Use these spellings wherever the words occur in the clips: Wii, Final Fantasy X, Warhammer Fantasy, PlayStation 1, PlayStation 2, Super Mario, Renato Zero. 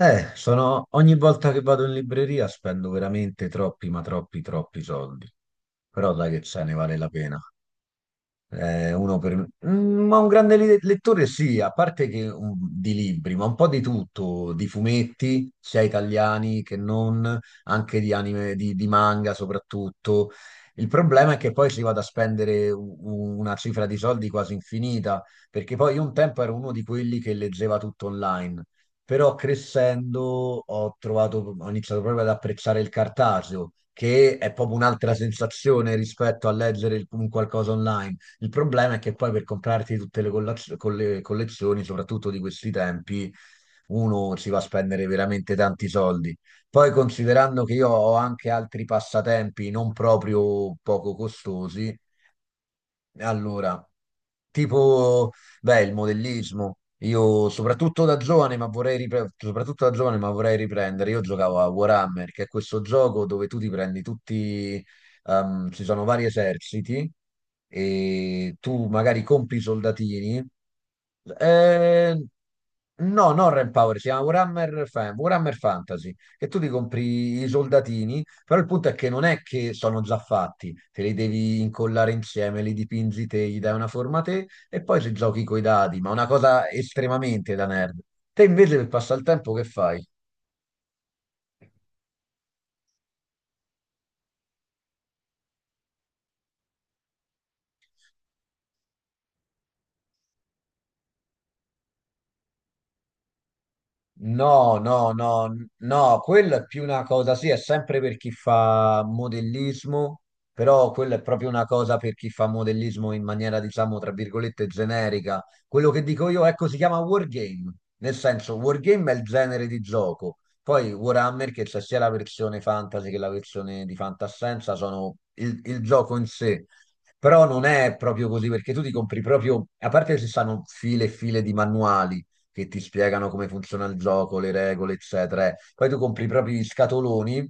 Sono... ogni volta che vado in libreria spendo veramente troppi, ma troppi, troppi soldi. Però dai che ce ne vale la pena. Uno per... ma un grande lettore sì, a parte che di libri, ma un po' di tutto, di fumetti, sia italiani che non, anche di anime, di manga soprattutto. Il problema è che poi si vada a spendere una cifra di soldi quasi infinita, perché poi io un tempo ero uno di quelli che leggeva tutto online, però crescendo ho trovato, ho iniziato proprio ad apprezzare il cartaceo, che è proprio un'altra sensazione rispetto a leggere un qualcosa online. Il problema è che poi per comprarti tutte le collezioni, soprattutto di questi tempi, uno si va a spendere veramente tanti soldi. Poi considerando che io ho anche altri passatempi non proprio poco costosi, allora, tipo, beh, il modellismo. Io soprattutto da giovane, ma vorrei riprendere. Io giocavo a Warhammer, che è questo gioco dove tu ti prendi tutti, ci sono vari eserciti e tu magari compri i soldatini. Eh, no, non Power si chiama Warhammer, Warhammer Fantasy, che tu ti compri i soldatini però il punto è che non è che sono già fatti, te li devi incollare insieme, li dipingi te, gli dai una forma te e poi ci giochi coi dadi, ma una cosa estremamente da nerd. Te invece per passare il tempo che fai? No, no, no, no, quello è più una cosa, sì, è sempre per chi fa modellismo, però quello è proprio una cosa per chi fa modellismo in maniera, diciamo, tra virgolette, generica. Quello che dico io, ecco, si chiama wargame, nel senso, wargame è il genere di gioco. Poi Warhammer, che c'è sia la versione fantasy che la versione di fantascienza, sono il gioco in sé. Però non è proprio così, perché tu ti compri proprio, a parte che ci stanno file e file di manuali che ti spiegano come funziona il gioco, le regole, eccetera. Poi tu compri proprio gli scatoloni,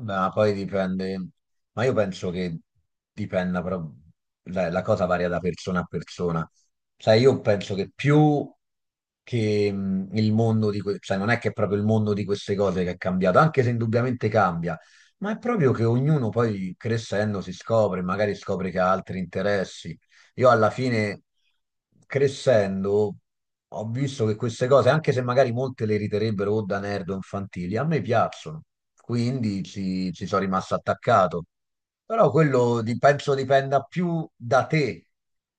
ma poi dipende. Ma io penso che dipenda, però la cosa varia da persona a persona. Sai, io penso che più che il mondo di que- sai, non è che è proprio il mondo di queste cose che è cambiato, anche se indubbiamente cambia, ma è proprio che ognuno poi crescendo si scopre, magari scopre che ha altri interessi. Io alla fine, crescendo, ho visto che queste cose, anche se magari molte le riterebbero o da nerd o infantili, a me piacciono, quindi ci sono rimasto attaccato. Però penso dipenda più da te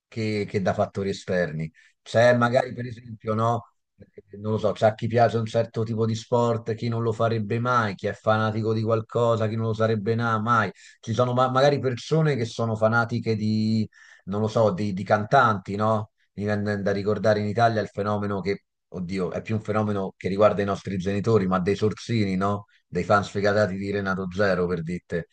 che da fattori esterni. C'è magari, per esempio, no? Non lo so, c'è a chi piace un certo tipo di sport, chi non lo farebbe mai, chi è fanatico di qualcosa, chi non lo sarebbe mai. Ci sono magari persone che sono fanatiche di non lo so, di cantanti, no? Mi viene da ricordare in Italia il fenomeno che, oddio, è più un fenomeno che riguarda i nostri genitori, ma dei sorsini, no? Dei fan sfegatati di Renato Zero, per dite.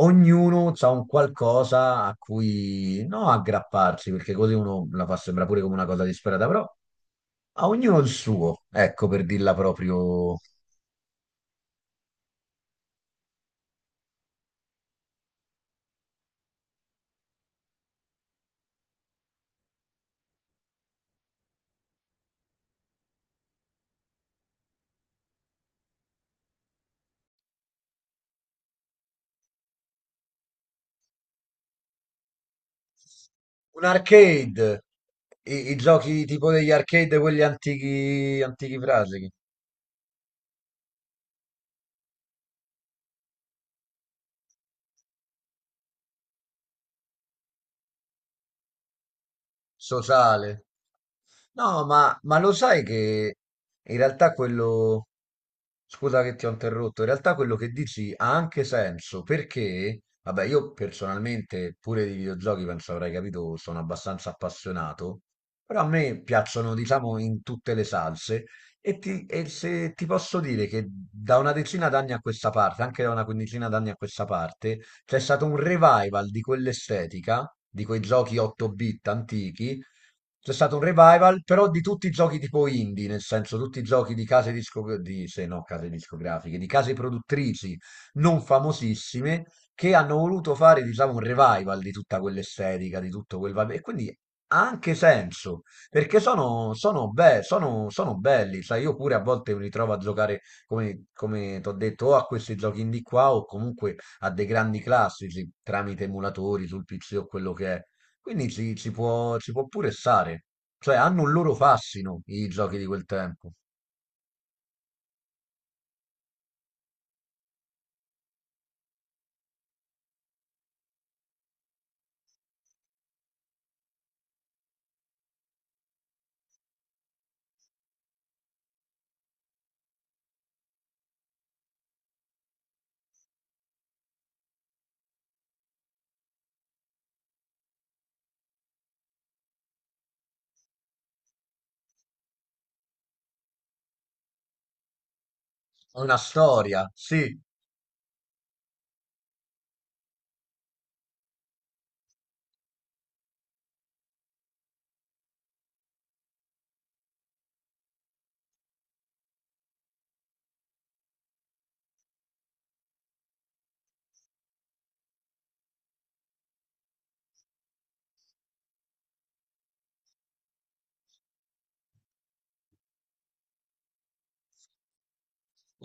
Ognuno ha un qualcosa a cui, no, aggrapparsi, perché così uno la fa sembrare pure come una cosa disperata, però a ognuno il suo, ecco, per dirla proprio. Un arcade, i giochi tipo degli arcade, quelli antichi, antichi frasi, sociale. No, ma lo sai che in realtà quello, scusa che ti ho interrotto, in realtà quello che dici ha anche senso perché, vabbè, io personalmente pure di videogiochi, penso avrai capito, sono abbastanza appassionato, però a me piacciono, diciamo, in tutte le salse e, se ti posso dire che da una decina d'anni a questa parte, anche da una quindicina d'anni a questa parte, c'è stato un revival di quell'estetica, di quei giochi 8-bit antichi. C'è stato un revival, però di tutti i giochi tipo indie, nel senso tutti i giochi di case discografiche, di, se no, case discografiche, di case produttrici non famosissime che hanno voluto fare, diciamo, un revival di tutta quell'estetica, di tutto quel vibe. E quindi ha anche senso, perché sono belli, sai, io pure a volte mi ritrovo a giocare, come ti ho detto, o a questi giochi indie qua o comunque a dei grandi classici tramite emulatori sul PC o quello che è. Quindi ci può pure stare. Cioè, hanno un loro fascino i giochi di quel tempo. Una storia, sì.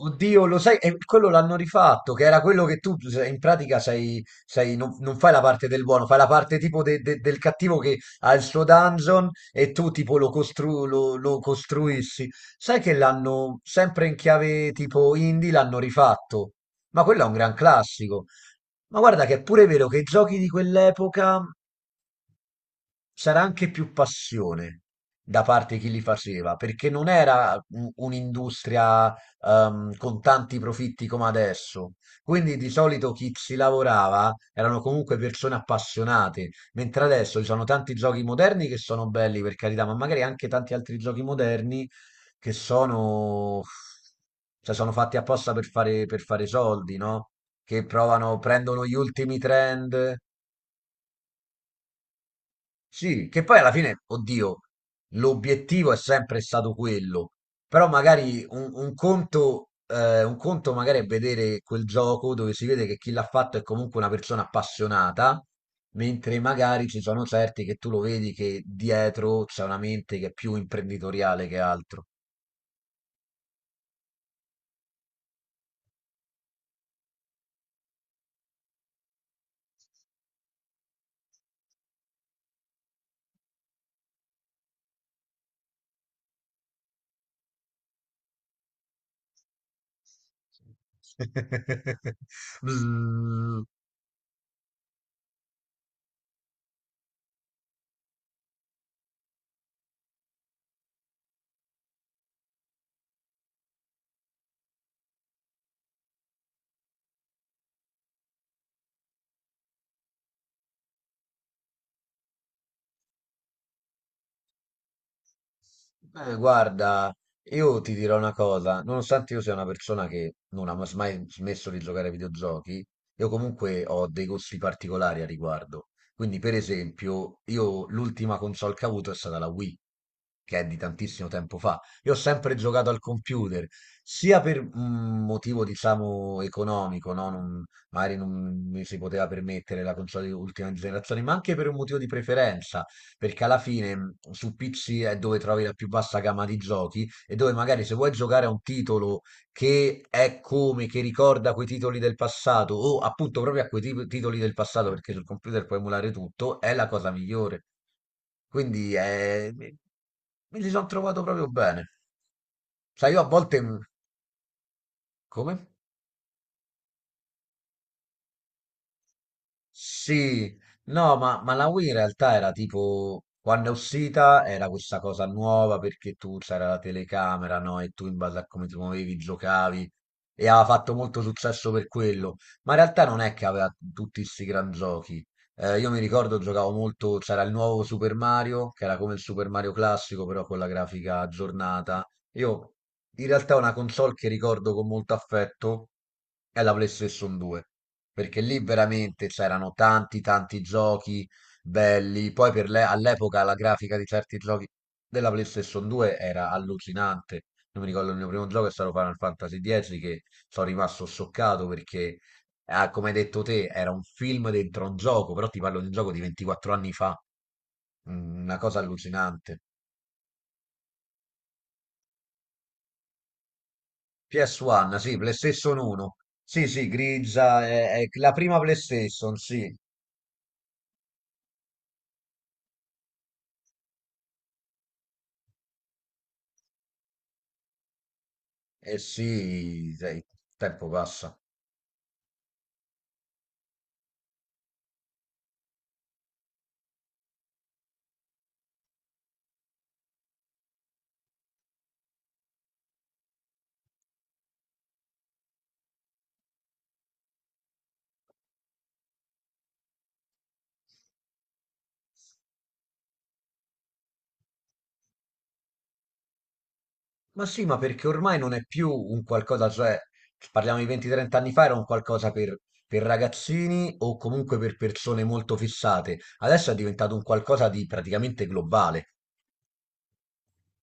Oddio, lo sai, e quello l'hanno rifatto, che era quello che tu in pratica non, non fai la parte del buono, fai la parte tipo del cattivo che ha il suo dungeon e tu tipo lo costruissi. Sai che l'hanno sempre in chiave tipo indie, l'hanno rifatto, ma quello è un gran classico. Ma guarda che è pure vero che i giochi di quell'epoca c'era anche più passione da parte di chi li faceva, perché non era un'industria con tanti profitti come adesso. Quindi di solito chi ci lavorava erano comunque persone appassionate, mentre adesso ci sono tanti giochi moderni che sono belli, per carità, ma magari anche tanti altri giochi moderni che sono, cioè, sono fatti apposta per fare soldi, no? Che provano, prendono gli ultimi trend. Sì, che poi alla fine, oddio, l'obiettivo è sempre stato quello, però magari un conto magari è vedere quel gioco dove si vede che chi l'ha fatto è comunque una persona appassionata, mentre magari ci sono certi che tu lo vedi che dietro c'è una mente che è più imprenditoriale che altro. Bzzz. Beh, guarda, io ti dirò una cosa, nonostante io sia una persona che non ha mai smesso di giocare ai videogiochi, io comunque ho dei gusti particolari a riguardo. Quindi, per esempio, io l'ultima console che ho avuto è stata la Wii, che è di tantissimo tempo fa. Io ho sempre giocato al computer, sia per un motivo, diciamo, economico, no? Magari non mi si poteva permettere la console di ultima generazione, ma anche per un motivo di preferenza perché alla fine su PC è dove trovi la più vasta gamma di giochi e dove magari se vuoi giocare a un titolo che è come, che ricorda quei titoli del passato o appunto proprio a quei titoli del passato perché sul computer puoi emulare tutto, è la cosa migliore. Quindi è... mi ci sono trovato proprio bene. Sai, io a volte... come? Sì, no, ma la Wii in realtà era tipo, quando è uscita era questa cosa nuova perché tu c'era la telecamera, no? E tu in base a come ti muovevi giocavi e aveva fatto molto successo per quello, ma in realtà non è che aveva tutti questi gran giochi. Io mi ricordo giocavo molto, c'era il nuovo Super Mario, che era come il Super Mario classico, però con la grafica aggiornata. Io in realtà una console che ricordo con molto affetto è la PlayStation 2 perché lì veramente c'erano tanti tanti giochi belli. Poi per all'epoca la grafica di certi giochi della PlayStation 2 era allucinante. Io mi ricordo il mio primo gioco è stato Final Fantasy X che sono rimasto scioccato perché, ah, come hai detto te, era un film dentro un gioco, però ti parlo di un gioco di 24 anni fa. Una cosa allucinante. PS1, sì, PlayStation 1, sì, sì, grigia, è la prima PlayStation, sì, eh sì, sai, il tempo passa. Ma sì, ma perché ormai non è più un qualcosa, cioè, parliamo di 20-30 anni fa, era un qualcosa per ragazzini o comunque per persone molto fissate. Adesso è diventato un qualcosa di praticamente globale.